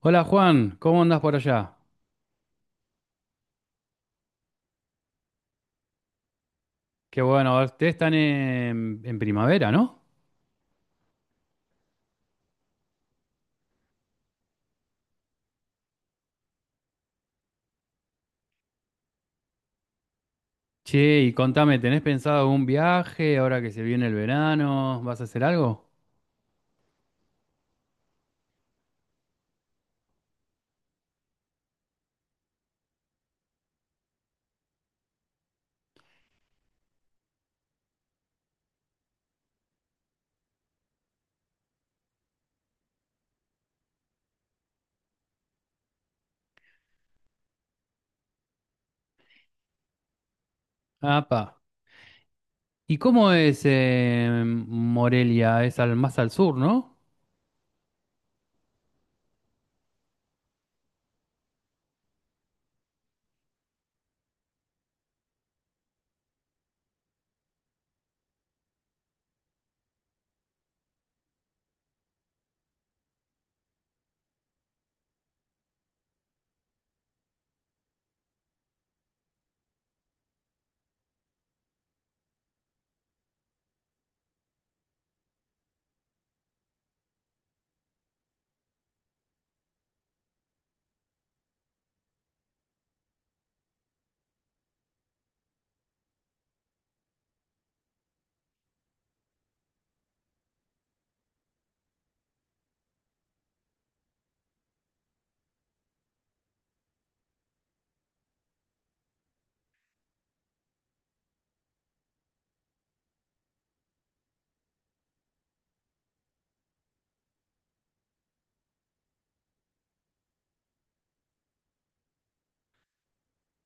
Hola Juan, ¿cómo andas por allá? Qué bueno, ustedes están en primavera, ¿no? Che, y contame, ¿tenés pensado algún viaje ahora que se viene el verano? ¿Vas a hacer algo? Apa. ¿Y cómo es Morelia? Es al, más al sur, ¿no?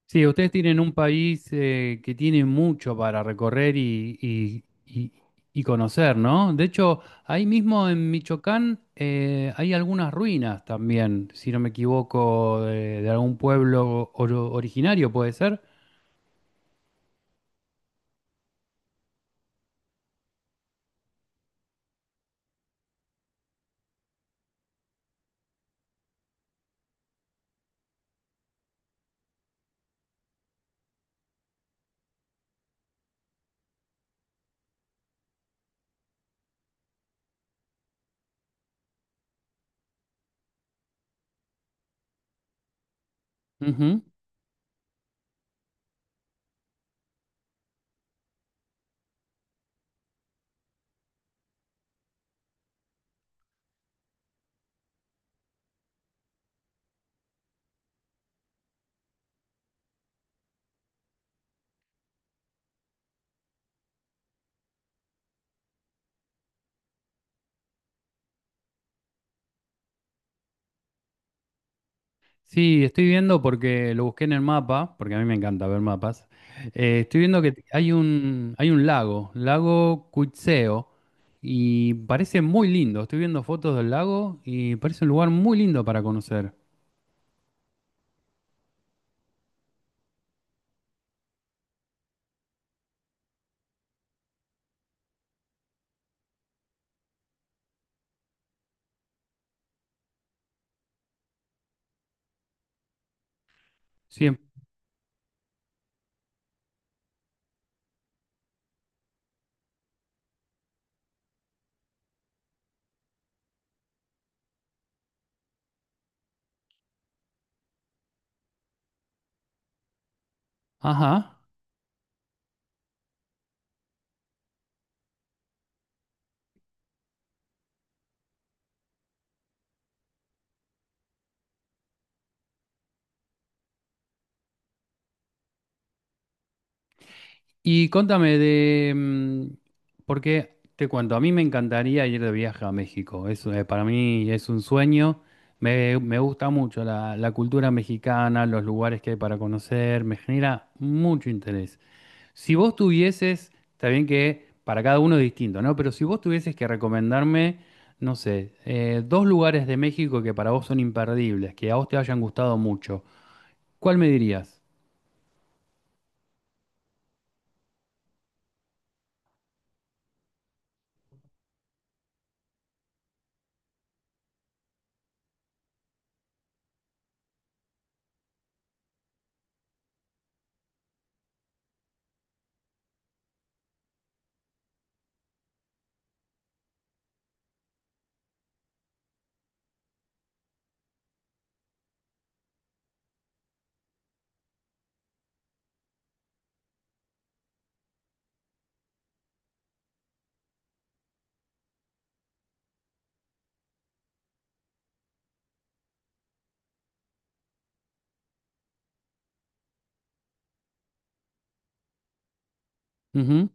Sí, ustedes tienen un país que tiene mucho para recorrer y conocer, ¿no? De hecho, ahí mismo en Michoacán hay algunas ruinas también, si no me equivoco, de algún pueblo oro- originario, ¿puede ser? Sí, estoy viendo porque lo busqué en el mapa, porque a mí me encanta ver mapas. Estoy viendo que hay hay un lago, lago Cuitzeo, y parece muy lindo. Estoy viendo fotos del lago y parece un lugar muy lindo para conocer. Sí, ajá. Y contame de, porque te cuento, a mí me encantaría ir de viaje a México, para mí es un sueño, me gusta mucho la cultura mexicana, los lugares que hay para conocer, me genera mucho interés. Si vos tuvieses, está bien que para cada uno es distinto, ¿no? Pero si vos tuvieses que recomendarme, no sé, dos lugares de México que para vos son imperdibles, que a vos te hayan gustado mucho, ¿cuál me dirías? Ujú,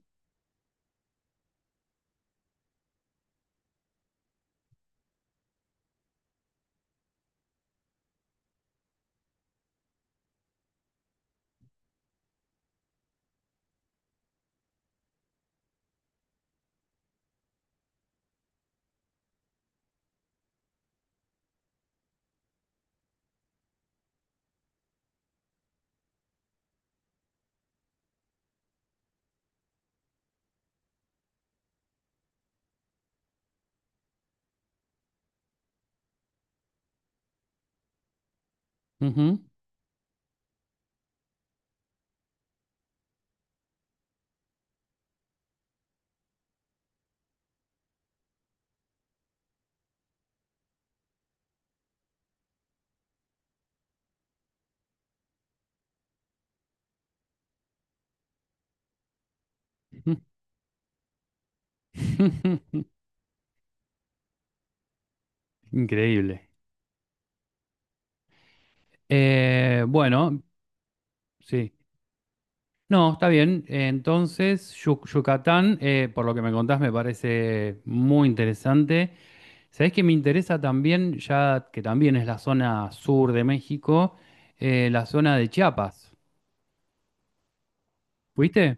ujú, ujú. Increíble. Eh, bueno, sí. No, está bien. Entonces, Yu- Yucatán, por lo que me contás, me parece muy interesante. Sabés que me interesa también, ya que también es la zona sur de México, la zona de Chiapas. ¿Fuiste?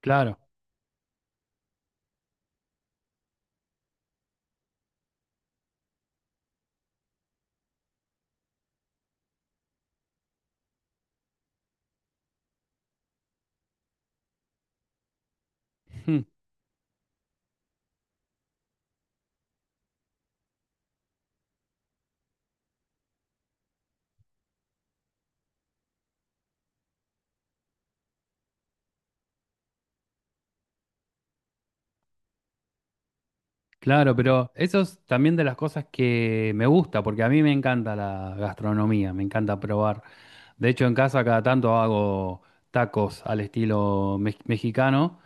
Claro. Mm, claro, pero eso es también de las cosas que me gusta, porque a mí me encanta la gastronomía, me encanta probar. De hecho, en casa cada tanto hago tacos al estilo mex- mexicano.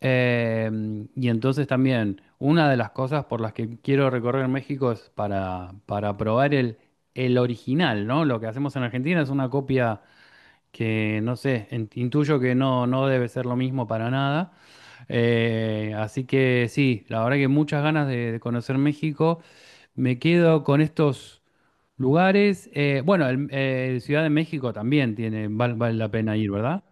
Y entonces también, una de las cosas por las que quiero recorrer México es para probar el original, ¿no? Lo que hacemos en Argentina es una copia que, no sé, en- intuyo que no, no debe ser lo mismo para nada. Así que sí, la verdad que muchas ganas de conocer México. Me quedo con estos lugares. Ciudad de México también tiene, val- vale la pena ir, ¿verdad?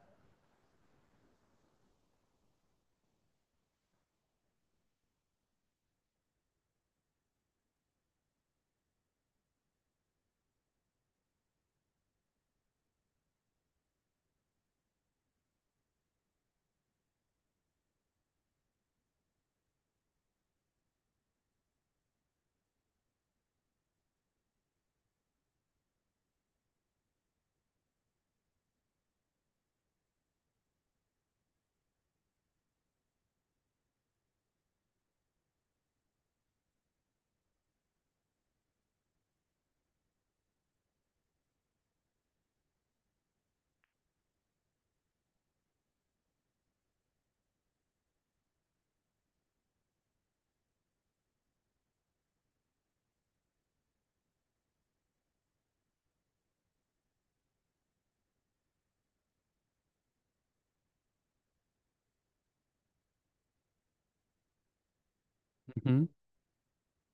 Ujú.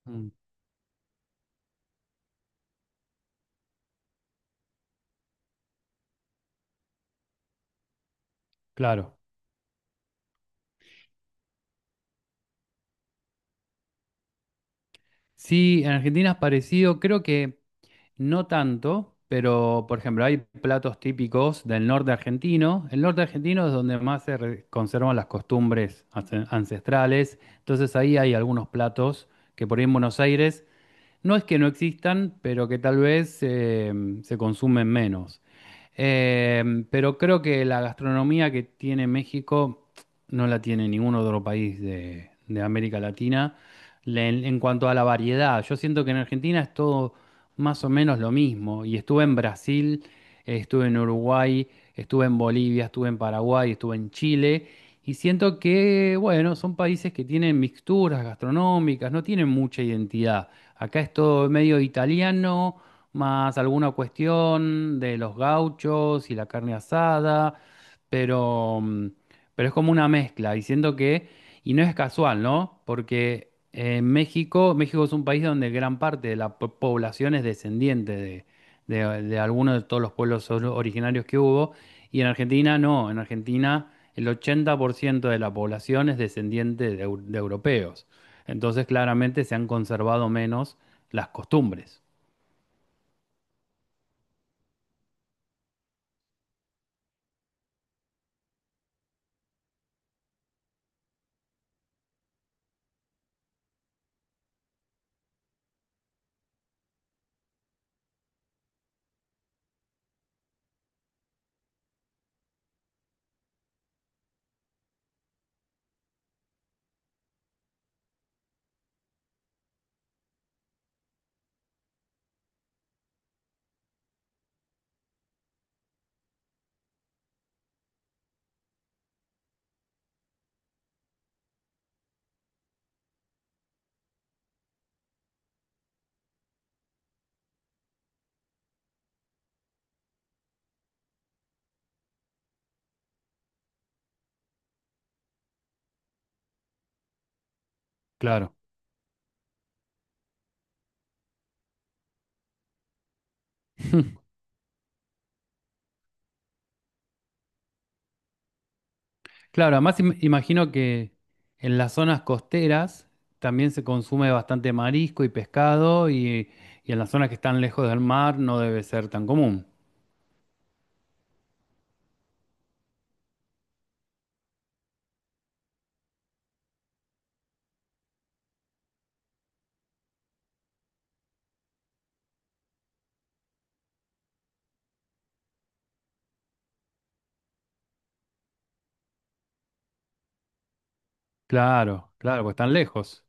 Mm, claro. Sí, en Argentina es parecido, creo que no tanto, pero por ejemplo hay platos típicos del norte argentino. El norte argentino es donde más se re- conservan las costumbres ance- ancestrales, entonces ahí hay algunos platos que por ahí en Buenos Aires no es que no existan, pero que tal vez se consumen menos. Pero creo que la gastronomía que tiene México no la tiene ningún otro país de América Latina Le- en cuanto a la variedad. Yo siento que en Argentina es todo más o menos lo mismo. Y estuve en Brasil, estuve en Uruguay, estuve en Bolivia, estuve en Paraguay, estuve en Chile. Y siento que, bueno, son países que tienen mixturas gastronómicas, no tienen mucha identidad. Acá es todo medio italiano, más alguna cuestión de los gauchos y la carne asada, pero, mm, pero es como una mezcla, y siento que, y no es casual, ¿no? Porque en México, México es un país donde gran parte de la po- población es descendiente de alguno de todos los pueblos or- originarios que hubo, y en Argentina no, en Argentina el 80% de la población es descendiente de eu- de europeos. Entonces, claramente se han conservado menos las costumbres. Claro. Claro, además im- imagino que en las zonas costeras también se consume bastante marisco y pescado y en las zonas que están lejos del mar no debe ser tan común. Claro, claro, pues están lejos.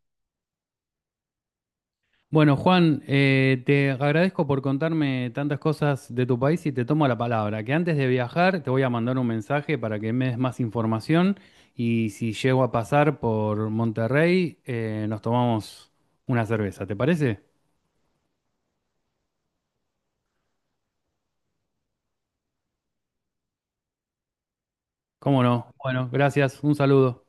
Bueno, Juan, te agradezco por contarme tantas cosas de tu país y te tomo la palabra, que antes de viajar te voy a mandar un mensaje para que me des más información y si llego a pasar por Monterrey, nos tomamos una cerveza, ¿te parece? ¿Cómo no? Bueno, gracias, un saludo.